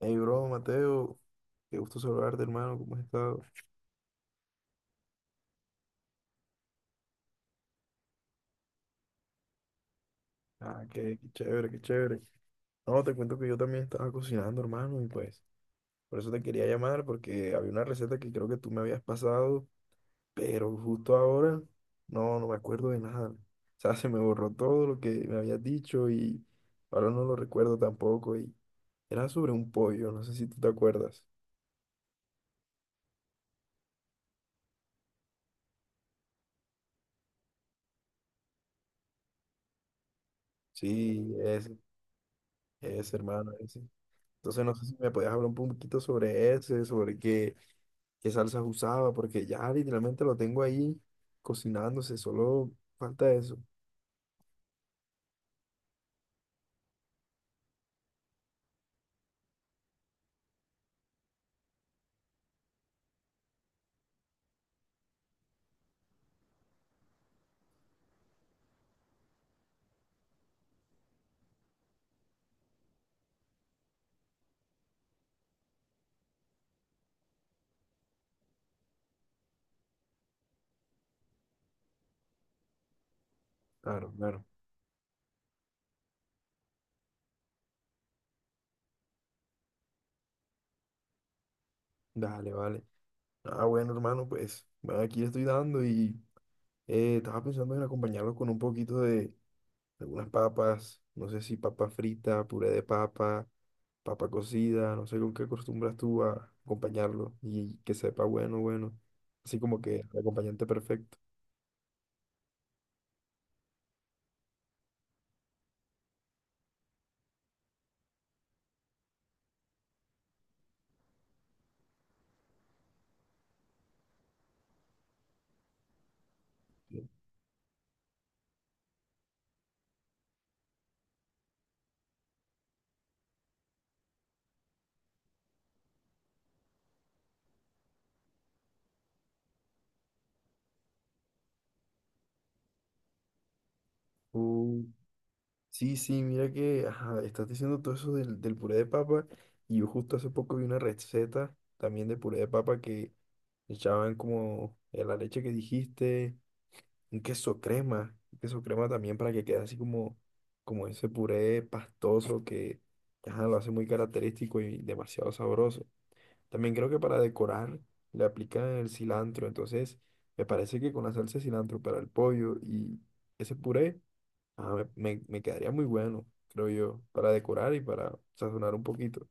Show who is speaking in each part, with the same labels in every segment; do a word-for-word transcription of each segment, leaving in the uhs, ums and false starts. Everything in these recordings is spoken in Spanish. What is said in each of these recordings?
Speaker 1: Hey, bro, Mateo, qué gusto saludarte, hermano, ¿cómo has estado? Ah, qué, qué chévere, qué chévere. No, te cuento que yo también estaba cocinando, hermano, y pues, por eso te quería llamar, porque había una receta que creo que tú me habías pasado, pero justo ahora, no, no me acuerdo de nada. O sea, se me borró todo lo que me habías dicho y ahora no lo recuerdo tampoco. Y era sobre un pollo, no sé si tú te acuerdas. Sí, ese, ese, hermano, ese. Entonces, no sé si me podías hablar un poquito sobre ese, sobre qué. Qué salsas usaba, porque ya literalmente lo tengo ahí cocinándose, solo falta eso. Claro, claro. Dale, vale. Ah, bueno, hermano, pues bueno, aquí estoy dando y eh, estaba pensando en acompañarlo con un poquito de algunas papas, no sé si papa frita, puré de papa, papa cocida, no sé con qué acostumbras tú a acompañarlo y que sepa bueno, bueno. Así como que el acompañante perfecto. Sí. Sí, sí, mira que ajá, estás diciendo todo eso del, del puré de papa y yo justo hace poco vi una receta también de puré de papa que echaban como eh, la leche que dijiste, un queso crema, un queso crema también para que quede así como, como ese puré pastoso que ajá, lo hace muy característico y demasiado sabroso. También creo que para decorar le aplican el cilantro, entonces me parece que con la salsa de cilantro para el pollo y ese puré. Ah, me, me- me quedaría muy bueno, creo yo, para decorar y para sazonar un poquito.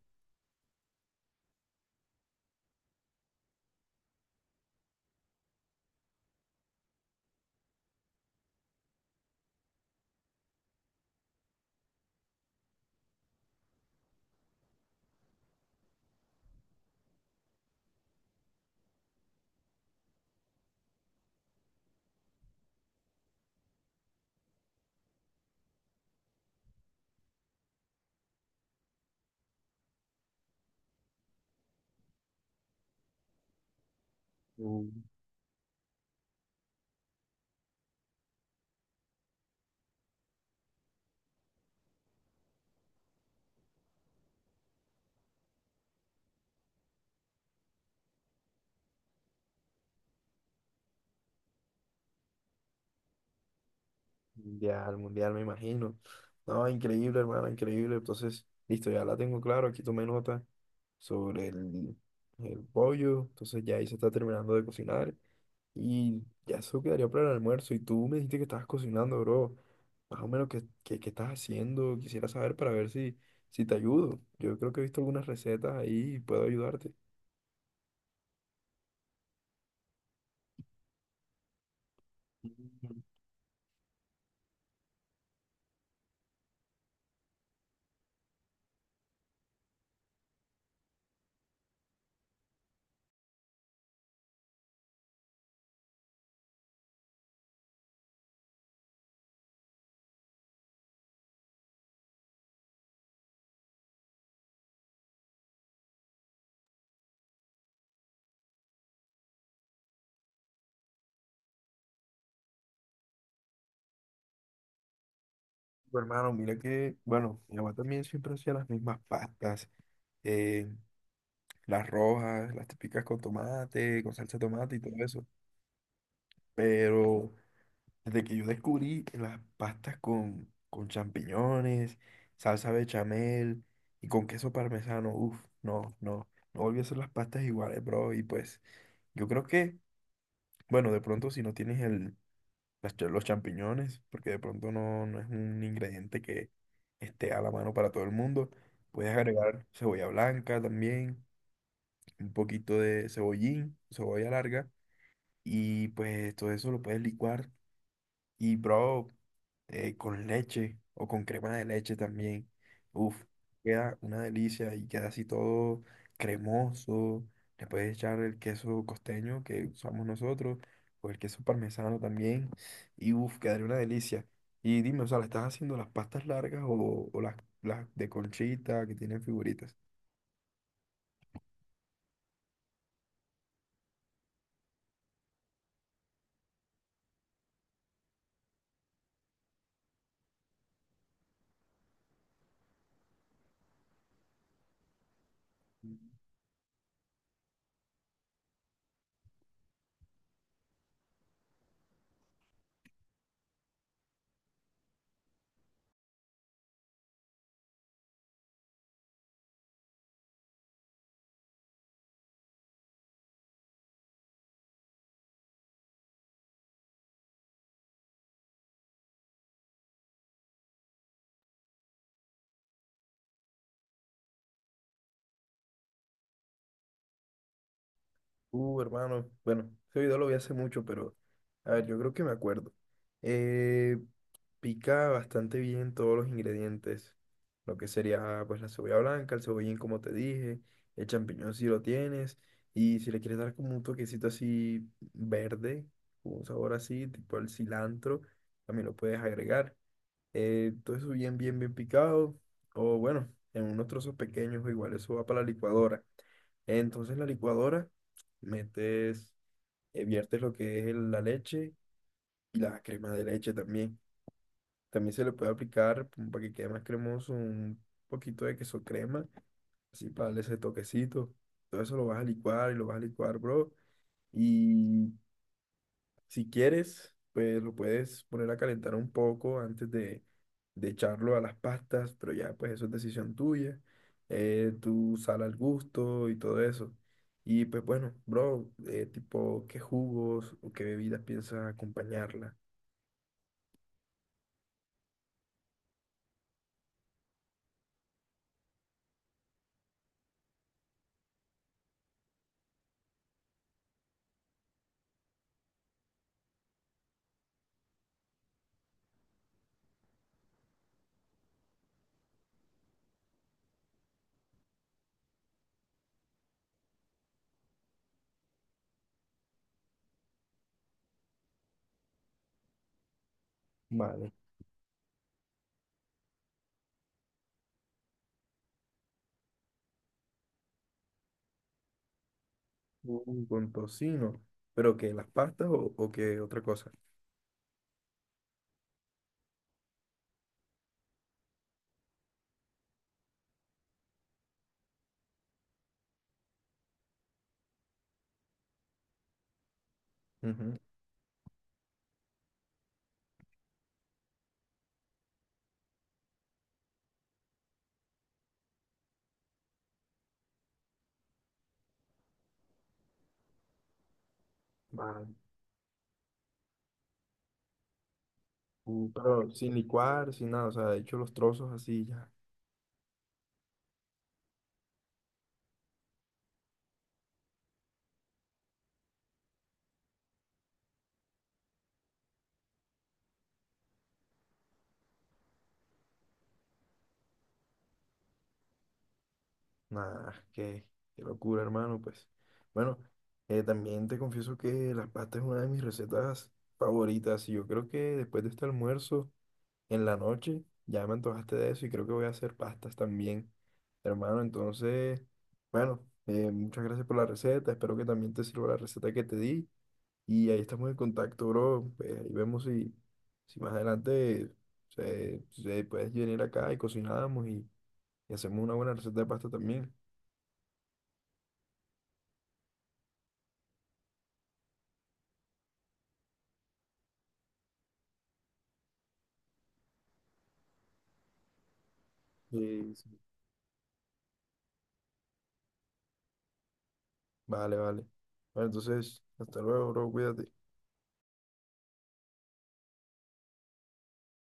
Speaker 1: Uh, Mundial, mundial, me imagino. No, increíble, hermano, increíble. Entonces, listo, ya la tengo claro. Aquí tomé nota sobre el, el pollo. Entonces, ya ahí se está terminando de cocinar. Y ya eso quedaría para el almuerzo. Y tú me dijiste que estabas cocinando, bro. Más o menos, ¿qué, qué, qué estás haciendo? Quisiera saber para ver si, si te ayudo. Yo creo que he visto algunas recetas ahí y puedo ayudarte. Mm. Bueno, hermano, mira que, bueno, mi mamá también siempre hacía las mismas pastas, eh, las rojas, las típicas con tomate, con salsa de tomate y todo eso. Pero desde que yo descubrí las pastas con, con champiñones, salsa bechamel y con queso parmesano, uff, no, no, no volví a hacer las pastas iguales, bro. Y pues, yo creo que, bueno, de pronto si no tienes las cha- los champiñones, porque de pronto no, no es un ingrediente que esté a la mano para todo el mundo. Puedes agregar cebolla blanca también, un poquito de cebollín, cebolla larga, y pues todo eso lo puedes licuar y, bro, eh, con leche o con crema de leche también. Uf, queda una delicia y queda así todo cremoso. Le puedes echar el queso costeño que usamos nosotros o el queso parmesano también. Y, uf, quedaría una delicia. Y dime, o sea, ¿le estás haciendo las pastas largas o, o las, las de conchita que tienen figuritas? Uh, hermano, bueno, ese video lo vi hace mucho, pero a ver, yo creo que me acuerdo. Eh, Pica bastante bien todos los ingredientes, lo que sería pues la cebolla blanca, el cebollín como te dije, el champiñón si lo tienes, y si le quieres dar como un toquecito así verde, con un sabor así, tipo el cilantro, también lo puedes agregar eh, todo eso bien, bien, bien picado, o bueno, en unos trozos pequeños, o igual eso va para la licuadora. Entonces la licuadora, metes, eh, viertes lo que es el- la leche y la crema de leche también. También se le puede aplicar, como para que quede más cremoso, un poquito de queso crema, así para darle ese toquecito. Todo eso lo vas a licuar y lo vas a licuar, bro. Y si quieres, pues lo puedes poner a calentar un poco antes de, de echarlo a las pastas, pero ya pues eso es decisión tuya, eh, tu sal al gusto y todo eso. Y pues bueno, bro, eh, tipo, ¿qué jugos o qué bebidas piensas acompañarla? Vale. Ujú. Con tocino, pero que las pastas o, o qué otra cosa. Ujú. Vale. Uh, pero sin licuar, sin nada, o sea, de hecho los trozos así ya. Nah, qué, qué locura, hermano, pues. Bueno, eh, también te confieso que las pastas es una de mis recetas favoritas y yo creo que después de este almuerzo, en la noche, ya me antojaste de eso y creo que voy a hacer pastas también, hermano. Entonces, bueno, eh, muchas gracias por la receta, espero que también te sirva la receta que te di y ahí estamos en contacto, bro. Pues ahí vemos si, si más adelante se, se puedes venir acá y cocinamos y, y hacemos una buena receta de pasta también. Sí, vale, vale. Bueno, entonces, hasta luego, bro, cuídate.